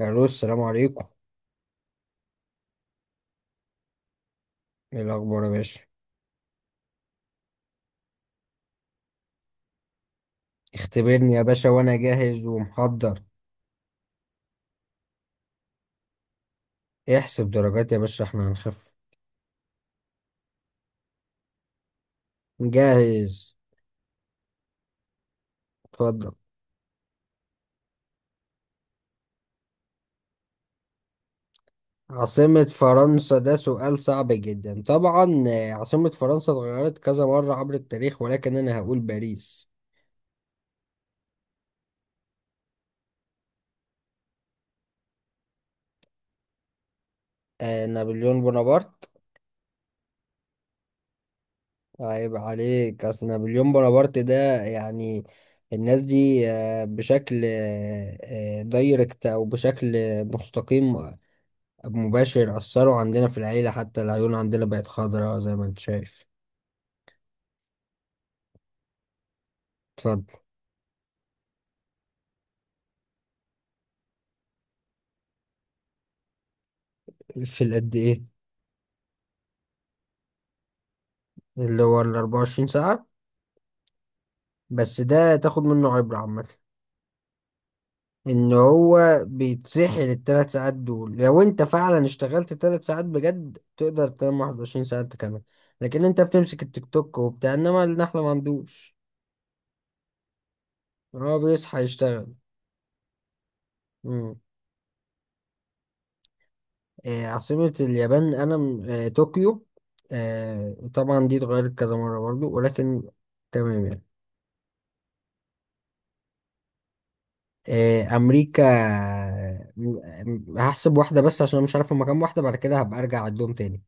الو، السلام عليكم. ايه الاخبار يا باشا؟ اختبرني يا باشا وانا جاهز ومحضر. احسب درجات يا باشا، احنا هنخف. جاهز. اتفضل. عاصمة فرنسا ده سؤال صعب جدا. طبعا عاصمة فرنسا اتغيرت كذا مرة عبر التاريخ، ولكن انا هقول باريس. نابليون بونابرت. عيب عليك، اصل نابليون بونابرت ده يعني الناس دي بشكل دايركت، او بشكل مستقيم. مباشر، أثروا عندنا في العيلة، حتى العيون عندنا بقت خضراء زي ما انت شايف. اتفضل. في القد ايه؟ اللي هو 24 ساعة. بس ده تاخد منه عبرة عامة. ان هو بيتسحل ال3 ساعات دول، لو انت فعلا اشتغلت 3 ساعات بجد تقدر تنام 21 ساعة تكمل. لكن انت بتمسك التيك توك وبتاع، انما النحلة ما عندوش. هو بيصحى يشتغل. مم. عاصمة اليابان أنا طوكيو. طبعا دي اتغيرت كذا مرة برضو، ولكن تمام يعني. أمريكا، هحسب واحدة بس عشان أنا مش عارف هما كام واحدة، بعد كده هبقى أرجع أعدهم تاني.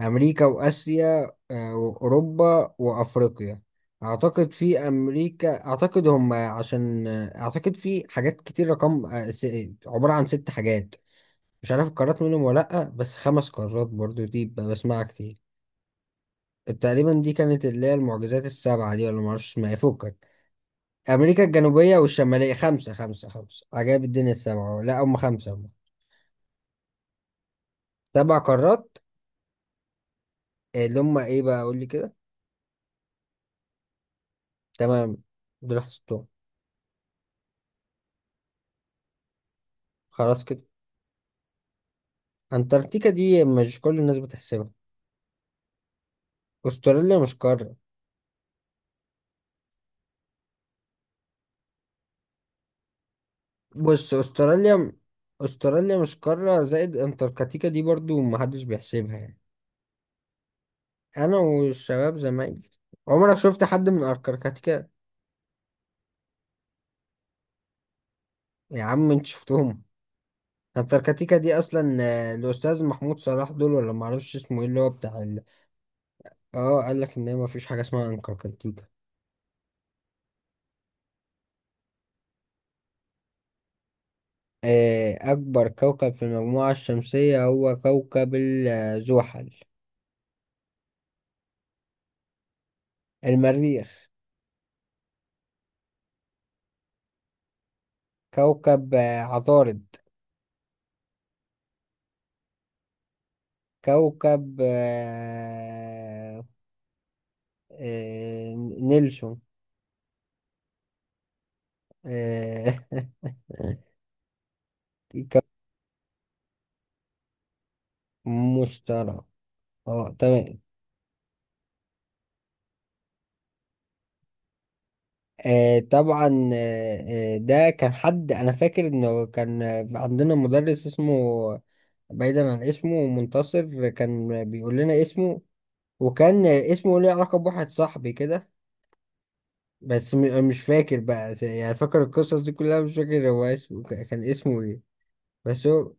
أمريكا وآسيا وأوروبا وأفريقيا. أعتقد في أمريكا، أعتقد هما عشان أعتقد في حاجات كتير رقم عبارة عن 6 حاجات. مش عارف القارات منهم ولا لأ، بس 5 قارات برضو دي بسمعها كتير. تقريبا دي كانت اللي هي المعجزات السبعة دي، ولا معرفش اسمها ايه، فكك. أمريكا الجنوبية والشمالية. خمسة عجائب الدنيا السبعة، لا هم خمسة هم. 7 قارات. اللي هم ايه بقى قول لي كده. تمام. دول حسبتهم. خلاص كده. أنتاركتيكا دي مش كل الناس بتحسبها. أستراليا مش قارة. بص، أستراليا مش قارة، زائد أنتاركتيكا دي برضو محدش بيحسبها يعني. أنا والشباب زمايلي. عمرك شفت حد من أنتاركتيكا؟ يا عم انت شفتهم؟ التركتيكا دي اصلا الاستاذ محمود صلاح دول، ولا معرفش اسمه ايه، اللي هو بتاع ال... اه، قال لك ان ما فيش حاجه اسمها انكركتيكا. اكبر كوكب في المجموعه الشمسيه هو كوكب زحل. المريخ. كوكب عطارد. كوكب آه، نيلسون. آه، كوكب. مشتري. اه تمام. آه طبعا آه آه، ده كان حد انا فاكر انه كان عندنا مدرس اسمه، بعيدا عن اسمه منتصر كان بيقول لنا اسمه، وكان اسمه ليه علاقة بواحد صاحبي كده. بس مش فاكر بقى، يعني فاكر القصص دي كلها، مش فاكر هو اسمه كان اسمه ايه. بس هو.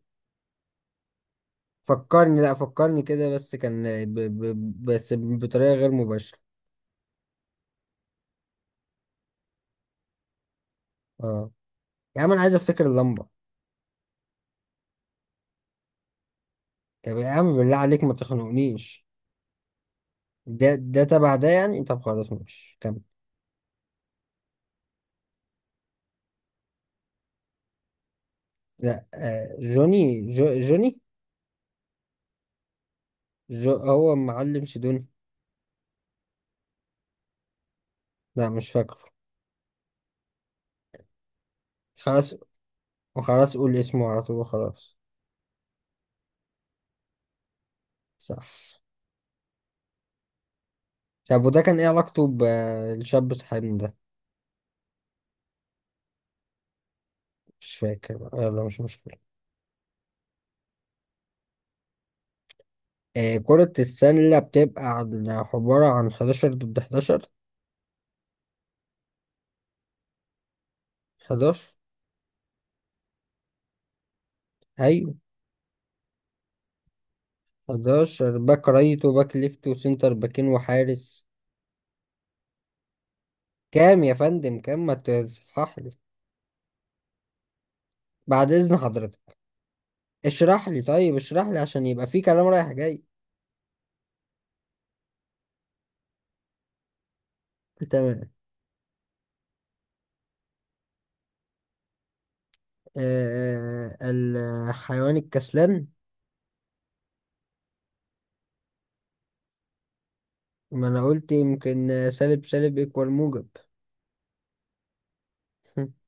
فكرني، لا فكرني كده، بس كان ب ب بس بطريقة غير مباشرة. اه، يا عم انا عايز افتكر اللمبة. طب يا عم بالله عليك ما تخنقنيش. ده تبع ده يعني، طب خلاص ماشي كمل. لا، جوني، جوني جو هو معلم سيدوني. لا مش فاكره. خلاص. وخلاص قول اسمه على طول وخلاص. صح. طب وده كان ايه علاقته بالشاب صاحبنا ده؟ مش فاكر بقى. يلا مش مشكلة. كرة السلة عبارة عن 11 ضد 11. 11. ايوه. 11 باك رايت وباك ليفت وسنتر باكين وحارس. كام يا فندم؟ كام ما تصحح لي؟ بعد اذن حضرتك، اشرح لي. طيب اشرح لي عشان يبقى في كلام رايح جاي. تمام. الحيوان الكسلان. ما انا قلت، يمكن سالب سالب يكوال موجب.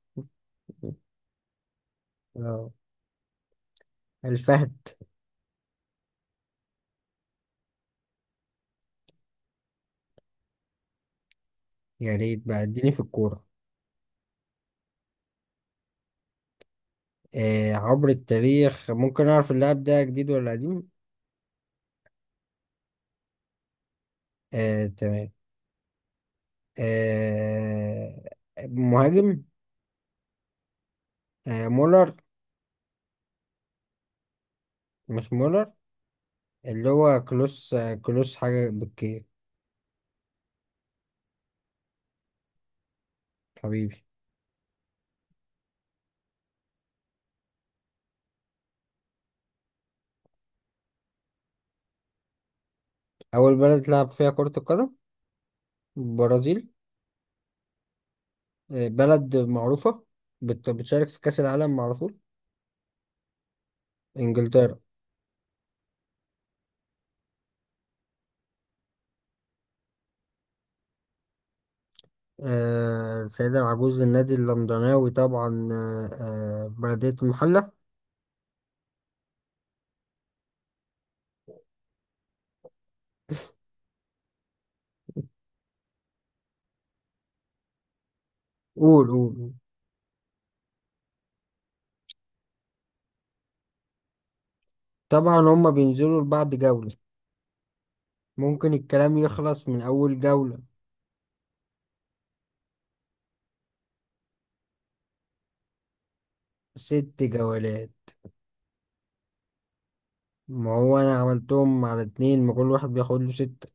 اه، الفهد. يا ريت بقى اديني في الكورة. عبر التاريخ، ممكن اعرف اللاعب ده جديد ولا قديم؟ آه تمام. آه مهاجم. مولر. مش مولر، اللي هو كلوس كلوس حاجة بالكي. حبيبي. أول بلد لعب فيها كرة القدم. البرازيل. بلد معروفة، بتشارك في كأس العالم على طول. إنجلترا. السيدة العجوز النادي اللندناوي طبعا، بلدية المحلة. قول قول. طبعا هما بينزلوا لبعض جولة. ممكن الكلام يخلص من أول جولة. 6 جولات. ما هو أنا عملتهم على اتنين، ما كل واحد بياخد له 6.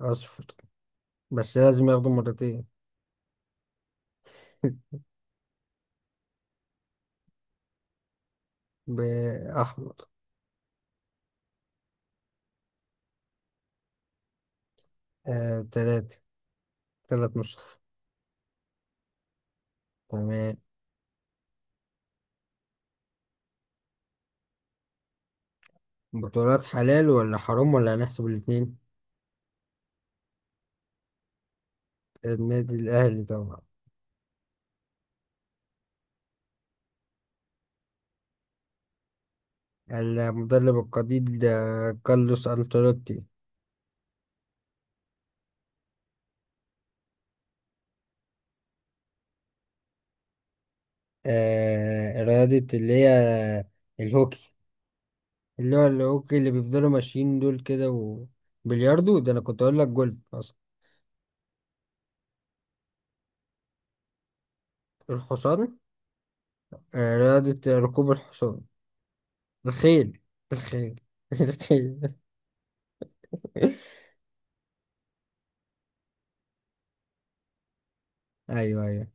أصفر، بس لازم ياخدوا مرتين. بأحمر. 3، 3 نسخ. تمام. بطولات حلال ولا حرام ولا هنحسب الاتنين؟ النادي الأهلي طبعا. المدرب القدير ده كارلوس أنتيلوتي. رياضة اللي هي الهوكي. اللي هو الهوكي اللي بيفضلوا ماشيين دول كده. وبلياردو ده أنا كنت أقول لك جولف أصلا. الحصان. رياضة ركوب الحصان. الخيل. الخيل الخيل. أيوه أيوه.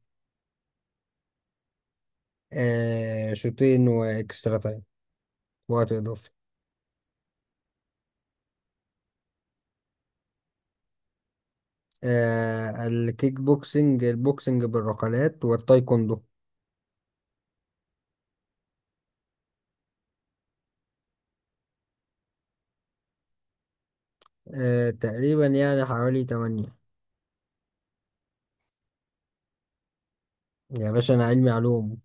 شوطين وإكسترا تايم. وقت إضافي. الكيك بوكسنج، البوكسنج بالركلات، والتايكوندو. تقريبا يعني حوالي 8. يا باشا أنا علمي علوم.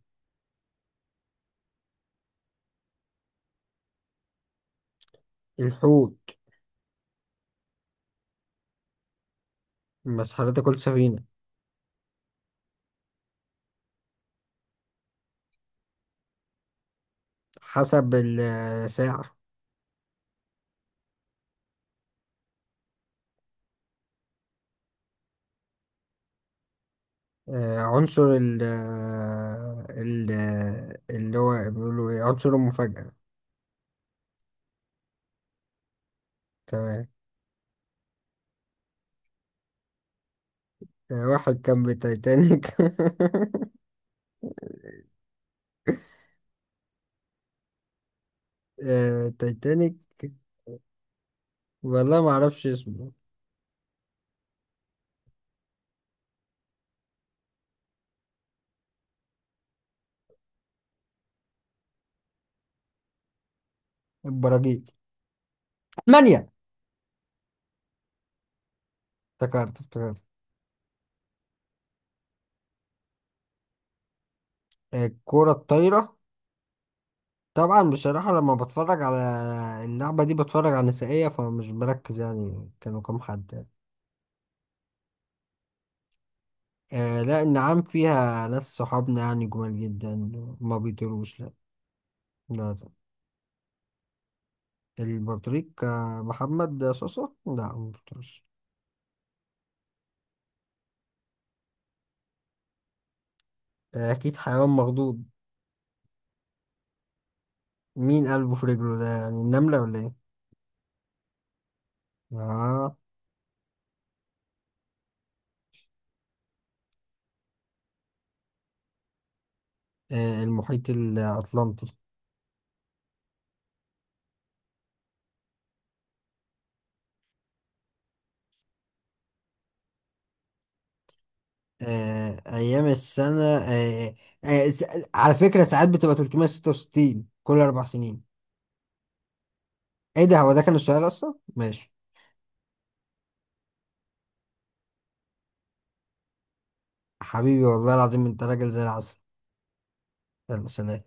الحوت. بس حضرتك قلت سفينة. حسب الساعة. عنصر ال آه، ال آه، اللي هو بيقولوا إيه، عنصر المفاجأة. تمام. واحد كان بالتايتانيك. تايتانيك. والله ما أعرفش اسمه. البراجيل. 8. افتكرت افتكرت. الكرة الطايرة. طبعا بصراحة لما بتفرج على اللعبة دي بتفرج على نسائية، فمش بركز يعني كانوا كام حد يعني. لا، النعام فيها ناس صحابنا يعني جمال جدا. ما بيطيروش لا. لا لا. البطريق محمد صوصة، لا ما بيطيرش. أكيد حيوان مخضوض. مين قلبه في رجله ده، يعني النملة ولا إيه؟ آه. المحيط الأطلنطي. أيام السنة. آه س- على فكرة ساعات بتبقى 366 كل 4 سنين. ايه ده، هو ده كان السؤال اصلا، ماشي. حبيبي والله العظيم انت راجل زي العسل. يلا سلام.